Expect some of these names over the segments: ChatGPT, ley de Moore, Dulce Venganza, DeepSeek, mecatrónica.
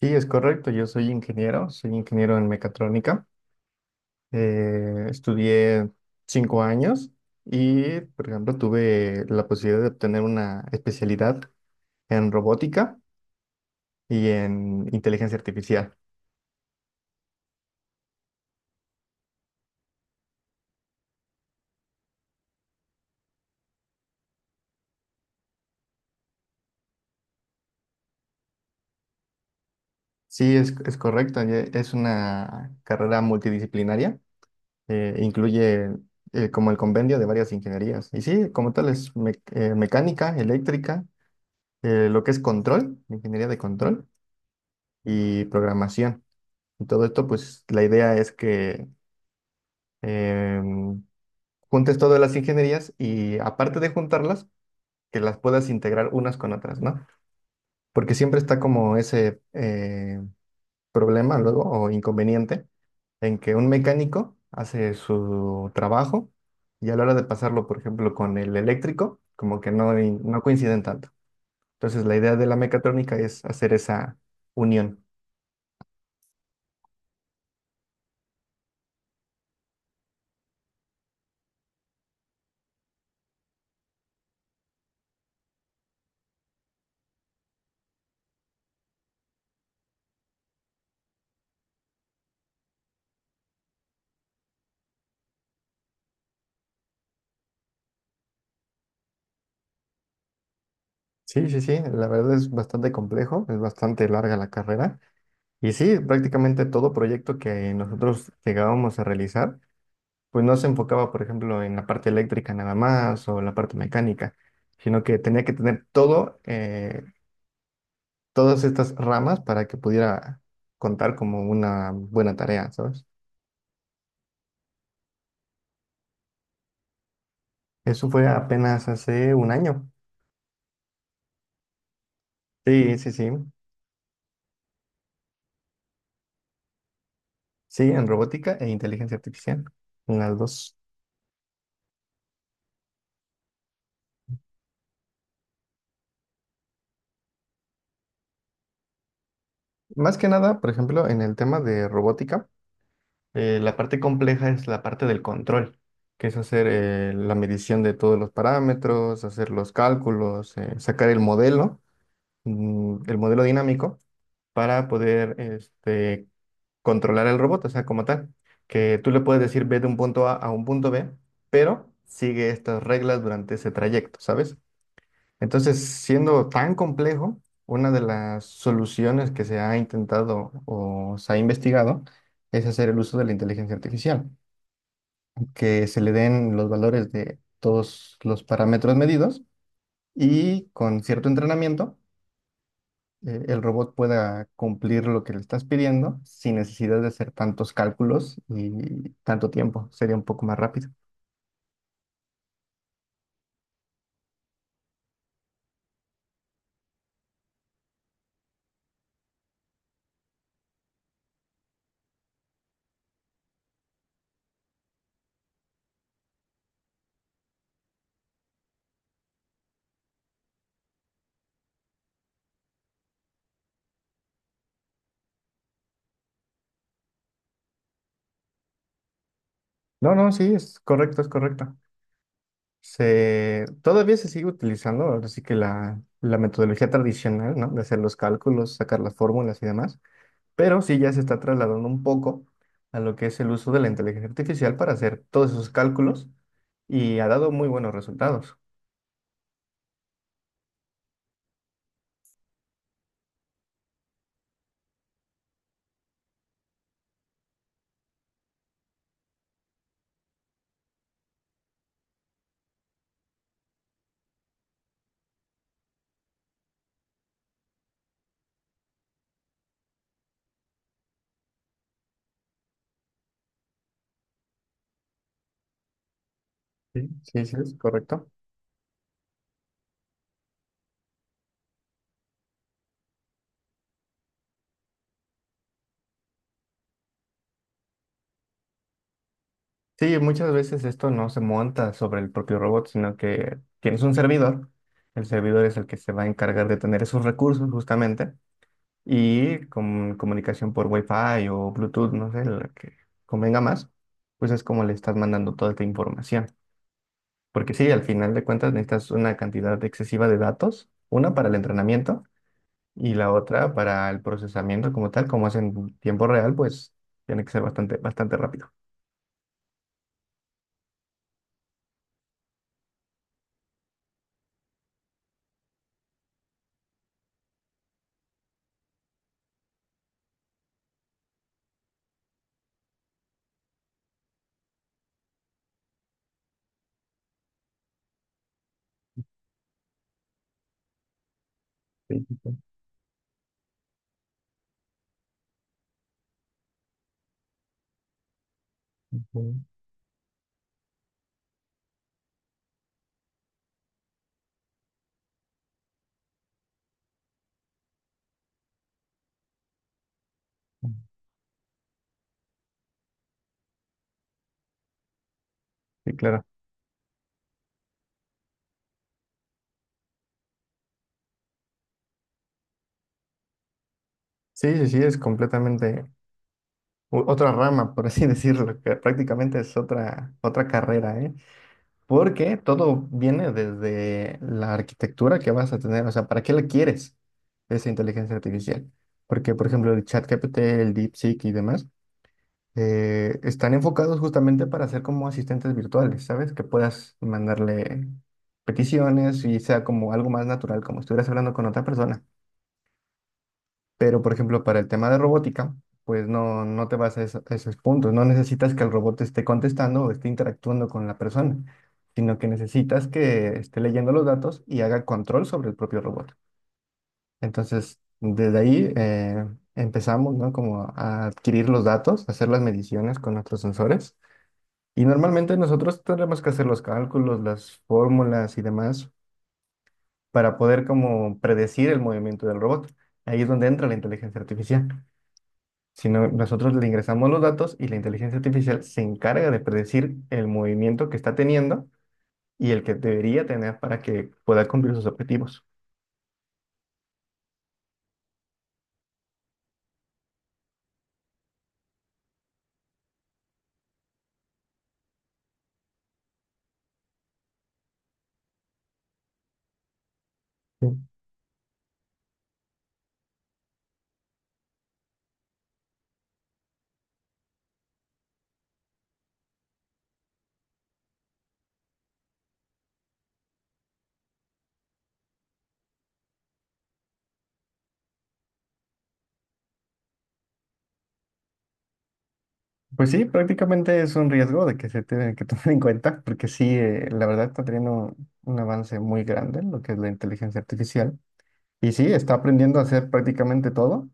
Sí, es correcto. Yo soy ingeniero en mecatrónica. Estudié 5 años y, por ejemplo, tuve la posibilidad de obtener una especialidad en robótica y en inteligencia artificial. Sí, es correcto. Es una carrera multidisciplinaria. Incluye, como el convenio de varias ingenierías. Y sí, como tal es mecánica, eléctrica, lo que es control, ingeniería de control y programación. Y todo esto, pues la idea es que em, juntes todas las ingenierías y, aparte de juntarlas, que las puedas integrar unas con otras, ¿no? Porque siempre está como ese problema luego o inconveniente en que un mecánico hace su trabajo y a la hora de pasarlo, por ejemplo, con el eléctrico, como que no, no coinciden tanto. Entonces, la idea de la mecatrónica es hacer esa unión. Sí, sí, sí, la verdad es bastante complejo, es bastante larga la carrera. Y sí, prácticamente todo proyecto que nosotros llegábamos a realizar pues no se enfocaba, por ejemplo, en la parte eléctrica nada más o la parte mecánica, sino que tenía que tener todo, todas estas ramas para que pudiera contar como una buena tarea, ¿sabes? Eso fue apenas hace un año. Sí, sí, sí. Sí, en robótica e inteligencia artificial, en las dos. Más que nada, por ejemplo, en el tema de robótica. La parte compleja es la parte del control, que es hacer, la medición de todos los parámetros, hacer los cálculos, sacar el modelo, el modelo dinámico, para poder controlar el robot, o sea, como tal, que tú le puedes decir: ve de un punto A a un punto B, pero sigue estas reglas durante ese trayecto, ¿sabes? Entonces, siendo tan complejo, una de las soluciones que se ha intentado o se ha investigado es hacer el uso de la inteligencia artificial, que se le den los valores de todos los parámetros medidos y con cierto entrenamiento, el robot pueda cumplir lo que le estás pidiendo sin necesidad de hacer tantos cálculos y tanto tiempo. Sería un poco más rápido. No, no, sí, es correcto, es correcto. Todavía se sigue utilizando, ahora sí que la metodología tradicional, ¿no? De hacer los cálculos, sacar las fórmulas y demás, pero sí ya se está trasladando un poco a lo que es el uso de la inteligencia artificial para hacer todos esos cálculos, y ha dado muy buenos resultados. Sí, sí, sí, es correcto. Sí, muchas veces esto no se monta sobre el propio robot, sino que tienes un servidor. El servidor es el que se va a encargar de tener esos recursos justamente, y con comunicación por Wi-Fi o Bluetooth, no sé, la que convenga más, pues es como le estás mandando toda esta información. Porque sí, al final de cuentas necesitas una cantidad excesiva de datos, una para el entrenamiento y la otra para el procesamiento como tal. Como es en tiempo real, pues tiene que ser bastante, bastante rápido. Sí, sí, claro. Sí, sí, sí, es completamente otra rama, por así decirlo, que prácticamente es otra carrera, ¿eh? Porque todo viene desde la arquitectura que vas a tener, o sea, ¿para qué la quieres esa inteligencia artificial? Porque, por ejemplo, el ChatGPT, el DeepSeek y demás, están enfocados justamente para ser como asistentes virtuales, ¿sabes? Que puedas mandarle peticiones y sea como algo más natural, como estuvieras hablando con otra persona. Pero, por ejemplo, para el tema de robótica, pues no, no te vas a, eso- a esos puntos. No necesitas que el robot esté contestando o esté interactuando con la persona, sino que necesitas que esté leyendo los datos y haga control sobre el propio robot. Entonces, desde ahí, empezamos, ¿no? Como a adquirir los datos, hacer las mediciones con nuestros sensores, y normalmente nosotros tenemos que hacer los cálculos, las fórmulas y demás, para poder como predecir el movimiento del robot. Ahí es donde entra la inteligencia artificial. Si no, nosotros le ingresamos los datos y la inteligencia artificial se encarga de predecir el movimiento que está teniendo y el que debería tener para que pueda cumplir sus objetivos. Sí. Pues sí, prácticamente es un riesgo de que se tiene que tomar en cuenta, porque sí, la verdad está teniendo un avance muy grande en lo que es la inteligencia artificial. Y sí, está aprendiendo a hacer prácticamente todo,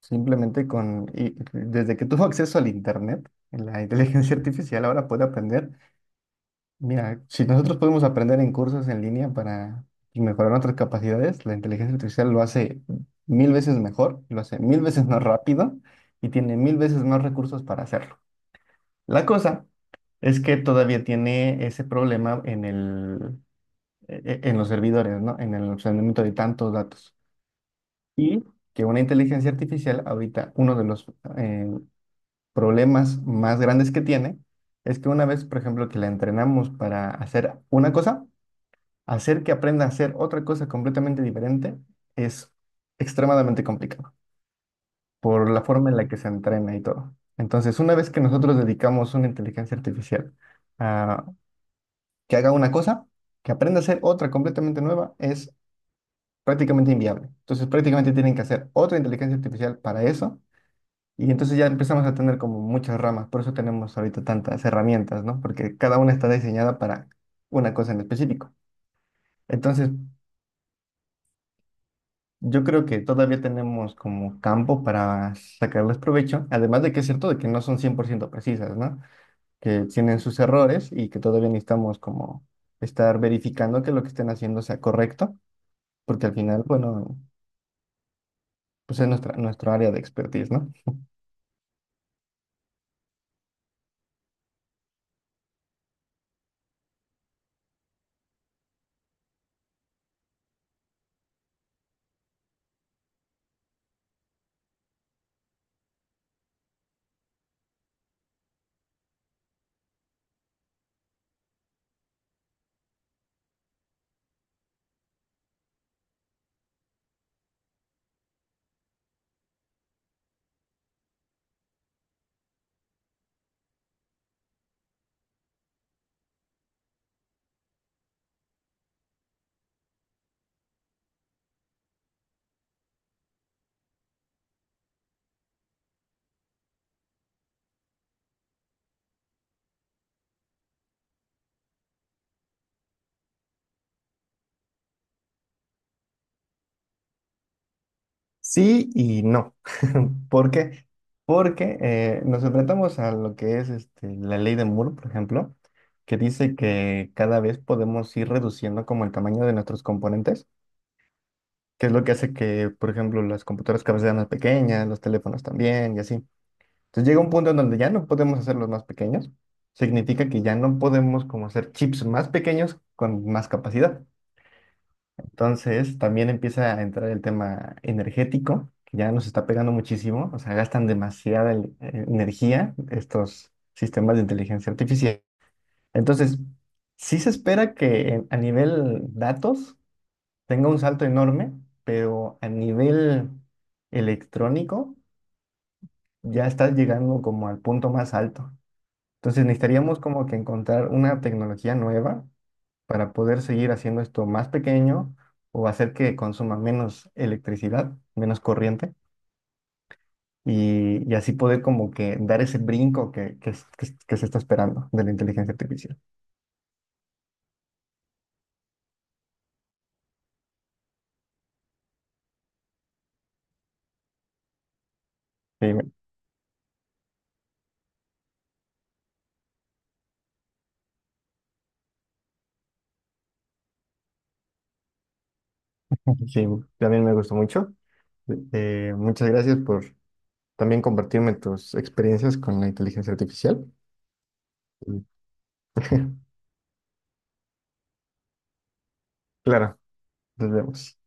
simplemente desde que tuvo acceso al Internet, en la inteligencia artificial ahora puede aprender. Mira, si nosotros podemos aprender en cursos en línea para mejorar nuestras capacidades, la inteligencia artificial lo hace 1.000 veces mejor, lo hace 1.000 veces más rápido y tiene 1.000 veces más recursos para hacerlo. La cosa es que todavía tiene ese problema en en los servidores, ¿no? En el almacenamiento de tantos datos. Y que una inteligencia artificial, ahorita, uno de los eh, problemas más grandes que tiene es que una vez, por ejemplo, que la entrenamos para hacer una cosa, hacer que aprenda a hacer otra cosa completamente diferente es extremadamente complicado por la forma en la que se entrena y todo. Entonces, una vez que nosotros dedicamos una inteligencia artificial a que haga una cosa, que aprenda a hacer otra completamente nueva, es prácticamente inviable. Entonces, prácticamente tienen que hacer otra inteligencia artificial para eso. Y entonces ya empezamos a tener como muchas ramas, por eso tenemos ahorita tantas herramientas, ¿no? Porque cada una está diseñada para una cosa en específico. Entonces, yo creo que todavía tenemos como campo para sacarles provecho, además de que es cierto de que no son 100% precisas, ¿no? Que tienen sus errores y que todavía necesitamos como estar verificando que lo que estén haciendo sea correcto, porque al final, bueno, pues es nuestro área de expertise, ¿no? Sí y no. ¿Por qué? Porque, nos enfrentamos a lo que es este, la ley de Moore, por ejemplo, que dice que cada vez podemos ir reduciendo como el tamaño de nuestros componentes, que es lo que hace que, por ejemplo, las computadoras cada vez sean más pequeñas, los teléfonos también y así. Entonces llega un punto en donde ya no podemos hacerlos más pequeños. Significa que ya no podemos como hacer chips más pequeños con más capacidad. Entonces, también empieza a entrar el tema energético, que ya nos está pegando muchísimo, o sea, gastan demasiada energía estos sistemas de inteligencia artificial. Entonces, sí se espera que a nivel datos tenga un salto enorme, pero a nivel electrónico ya está llegando como al punto más alto. Entonces, necesitaríamos como que encontrar una tecnología nueva para poder seguir haciendo esto más pequeño o hacer que consuma menos electricidad, menos corriente, y así poder como que dar ese brinco que se está esperando de la inteligencia artificial. Sí, me- sí, también me gustó mucho. Muchas gracias por también compartirme tus experiencias con la inteligencia artificial. Mm. Claro, nos vemos.